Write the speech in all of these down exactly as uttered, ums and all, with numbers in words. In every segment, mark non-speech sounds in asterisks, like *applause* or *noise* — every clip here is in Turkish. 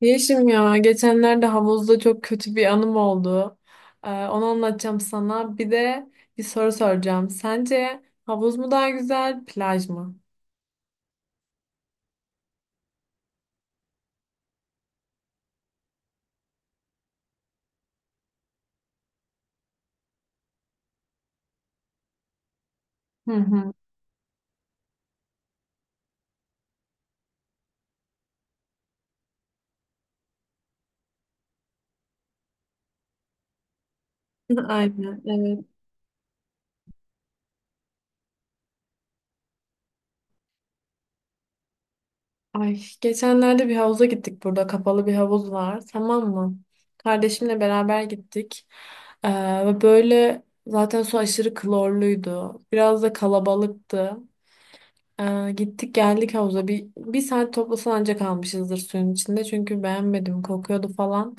Yeşim ya geçenlerde havuzda çok kötü bir anım oldu. Ee, onu anlatacağım sana. Bir de bir soru soracağım. Sence havuz mu daha güzel, plaj mı? Hı hı. *laughs* Aynen, evet. Ay, geçenlerde bir havuza gittik burada. Kapalı bir havuz var, tamam mı? Kardeşimle beraber gittik. Ee, ve böyle zaten su aşırı klorluydu. Biraz da kalabalıktı. Ee, gittik geldik havuza. Bir, bir saat toplasan ancak kalmışızdır suyun içinde. Çünkü beğenmedim. Kokuyordu falan.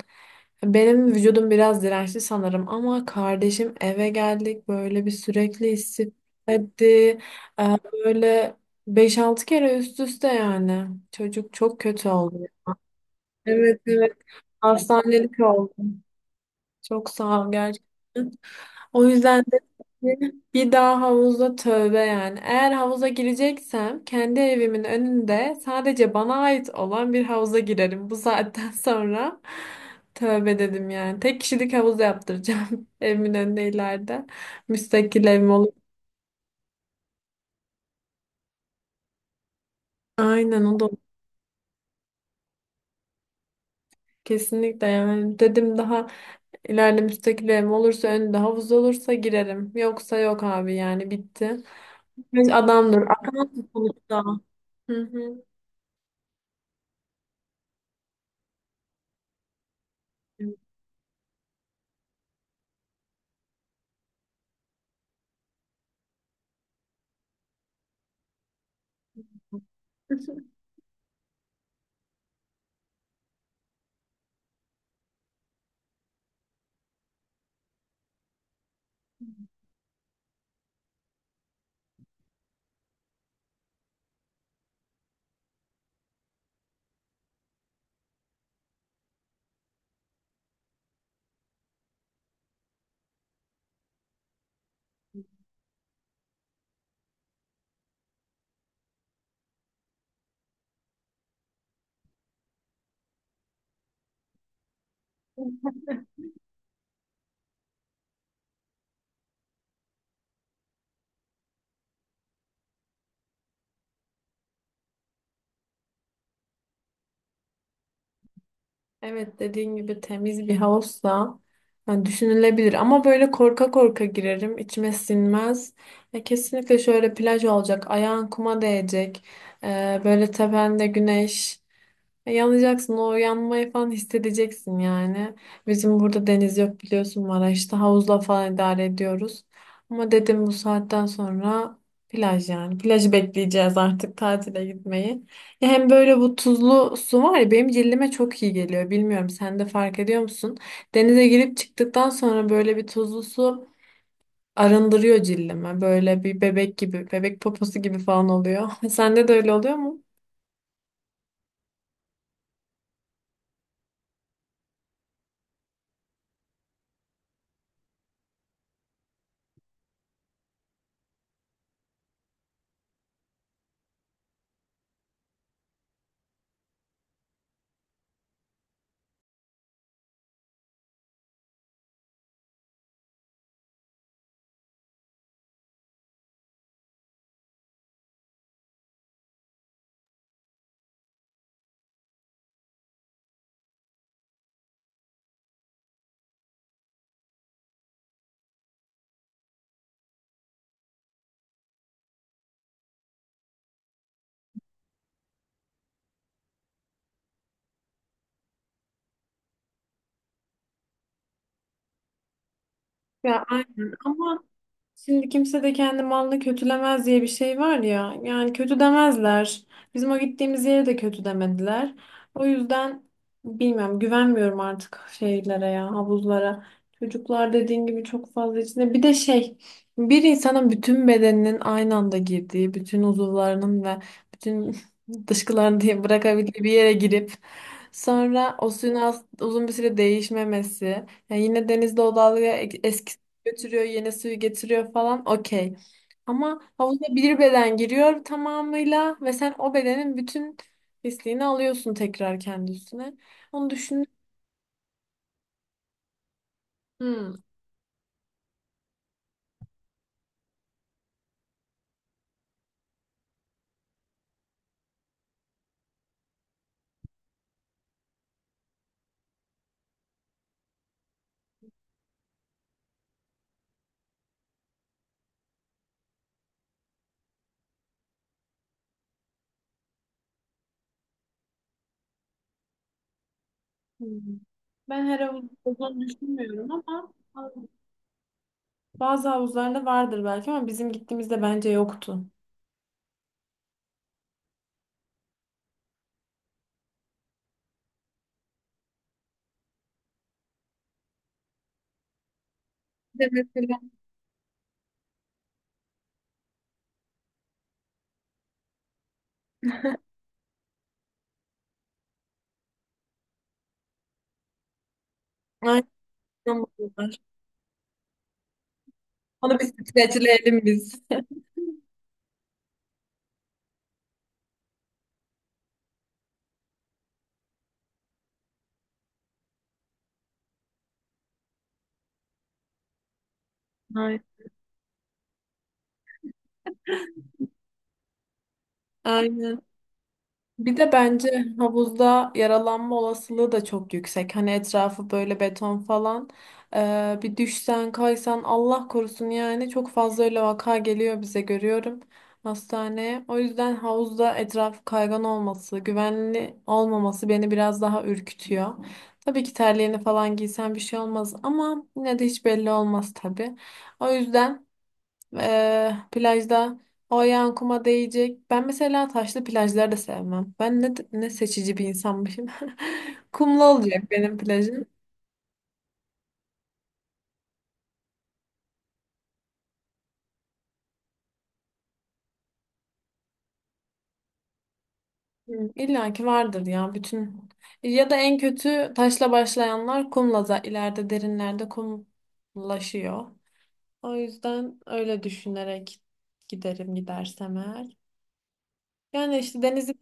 Benim vücudum biraz dirençli sanırım. Ama kardeşim eve geldik. Böyle bir sürekli hissetti. Ee, böyle beş altı kere üst üste yani. Çocuk çok kötü oldu. Evet, evet. Hastanelik oldu. Çok sağ ol gerçekten. O yüzden de bir daha havuza tövbe yani. Eğer havuza gireceksem kendi evimin önünde sadece bana ait olan bir havuza girerim. Bu saatten *laughs* sonra tövbe dedim yani. Tek kişilik havuz yaptıracağım *laughs* evimin önüne ileride. Müstakil evim olur. Aynen, o da olur. Kesinlikle yani. Dedim daha ileride müstakil evim olursa önünde havuz olursa girerim. Yoksa yok abi yani bitti. Adamdır. Akıllı da. Hı hı. Evet, dediğin gibi temiz bir havuzsa yani düşünülebilir ama böyle korka korka girerim, içime sinmez. E, kesinlikle şöyle plaj olacak, ayağın kuma değecek. E, böyle tepende güneş, e, yanacaksın, o yanmayı falan hissedeceksin yani. Bizim burada deniz yok, biliyorsun, Maraş'ta havuzla falan idare ediyoruz. Ama dedim bu saatten sonra plaj yani. Plajı bekleyeceğiz artık, tatile gitmeyi. Ya hem böyle bu tuzlu su var ya, benim cildime çok iyi geliyor. Bilmiyorum, sen de fark ediyor musun? Denize girip çıktıktan sonra böyle bir tuzlu su arındırıyor cildime. Böyle bir bebek gibi, bebek poposu gibi falan oluyor. *laughs* Sende de öyle oluyor mu? Ya aynen ama şimdi kimse de kendi malını kötülemez diye bir şey var ya. Yani kötü demezler. Bizim o gittiğimiz yere de kötü demediler. O yüzden bilmiyorum, güvenmiyorum artık şeylere ya, havuzlara. Çocuklar dediğin gibi çok fazla içinde. Bir de şey, bir insanın bütün bedeninin aynı anda girdiği, bütün uzuvlarının ve bütün *laughs* dışkılarını diye bırakabildiği bir yere girip sonra o suyun az- uzun bir süre değişmemesi. Yani yine denizde o dalga e- eski suyu götürüyor, yeni suyu getiriyor falan. Okey. Ama havuza bir beden giriyor tamamıyla ve sen o bedenin bütün pisliğini alıyorsun tekrar kendi üstüne. Onu düşün. Hmm. Hmm. Ben her havuzda olduğunu düşünmüyorum ama bazı havuzlarda vardır belki, ama bizim gittiğimizde bence yoktu. Bir de mesela aynen. Onu bir streçleyelim biz. *laughs* Ay- aynen. Bir de bence havuzda yaralanma olasılığı da çok yüksek. Hani etrafı böyle beton falan. Ee, bir düşsen kaysan Allah korusun, yani çok fazla öyle vaka geliyor bize, görüyorum hastaneye. O yüzden havuzda etrafı kaygan olması, güvenli olmaması beni biraz daha ürkütüyor. Tabii ki terliğini falan giysen bir şey olmaz ama yine de hiç belli olmaz tabii. O yüzden... Eee, plajda o ayağın kuma değecek. Ben mesela taşlı plajları da sevmem. Ben ne, ne seçici bir insanmışım. *laughs* Kumlu olacak benim plajım. Hı, İlla ki vardır ya bütün. Ya da en kötü taşla başlayanlar kumla da ileride derinlerde kumlaşıyor. O yüzden öyle düşünerek giderim, gidersem eğer. Yani işte denizi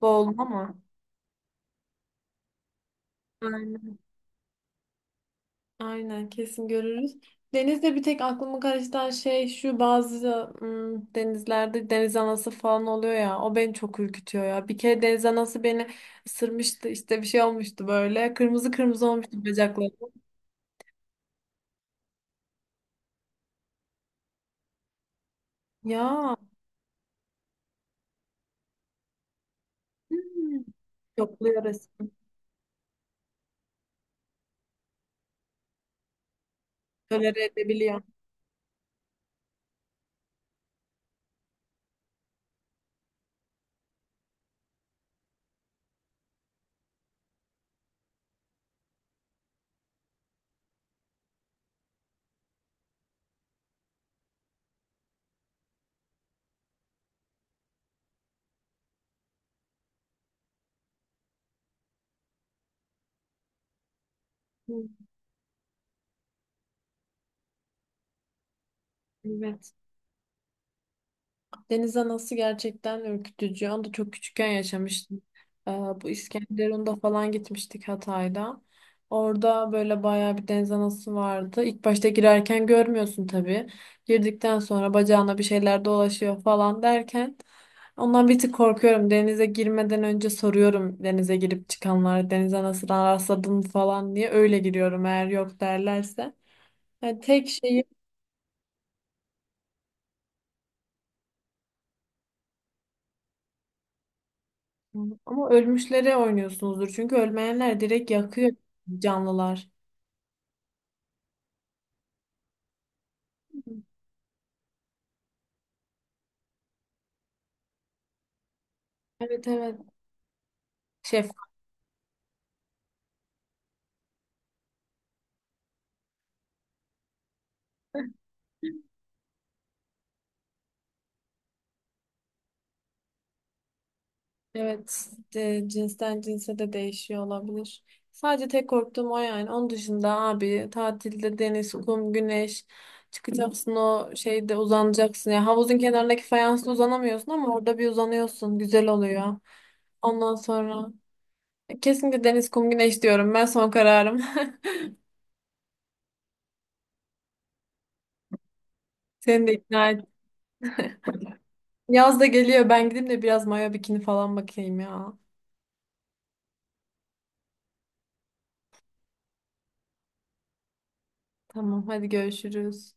boğuldum ama. Aynen, kesin görürüz. Denizde bir tek aklımı karıştıran şey şu: bazı ım, denizlerde deniz anası falan oluyor ya, o beni çok ürkütüyor ya. Bir kere deniz anası beni ısırmıştı işte, bir şey olmuştu, böyle kırmızı kırmızı olmuştu bacakları. Ya hmm. Yokluyor resmen. Tolere edebiliyor. Hı, evet. Deniz anası gerçekten ürkütücü. Onu da çok küçükken yaşamıştım. Ee, bu İskenderun'da falan gitmiştik, Hatay'da. Orada böyle bayağı bir deniz anası vardı. İlk başta girerken görmüyorsun tabii. Girdikten sonra bacağına bir şeyler dolaşıyor falan derken ondan bir tık korkuyorum. Denize girmeden önce soruyorum denize girip çıkanlara, deniz anasına rastladın mı falan diye. Öyle giriyorum eğer yok derlerse. Yani tek şeyi ama ölmüşlere oynuyorsunuzdur. Çünkü ölmeyenler direkt yakıyor canlılar. Evet, evet. Şef. Evet. E, cinsten cinse de değişiyor olabilir. Sadece tek korktuğum o yani. Onun dışında abi tatilde deniz, kum, güneş, çıkacaksın o şeyde uzanacaksın. Ya havuzun kenarındaki fayansla uzanamıyorsun ama orada bir uzanıyorsun. Güzel oluyor. Ondan sonra kesinlikle deniz, kum, güneş diyorum. Ben son kararım. *laughs* Seni de ikna. Yaz da geliyor. Ben gideyim de biraz mayo bikini falan bakayım ya. Tamam, hadi görüşürüz.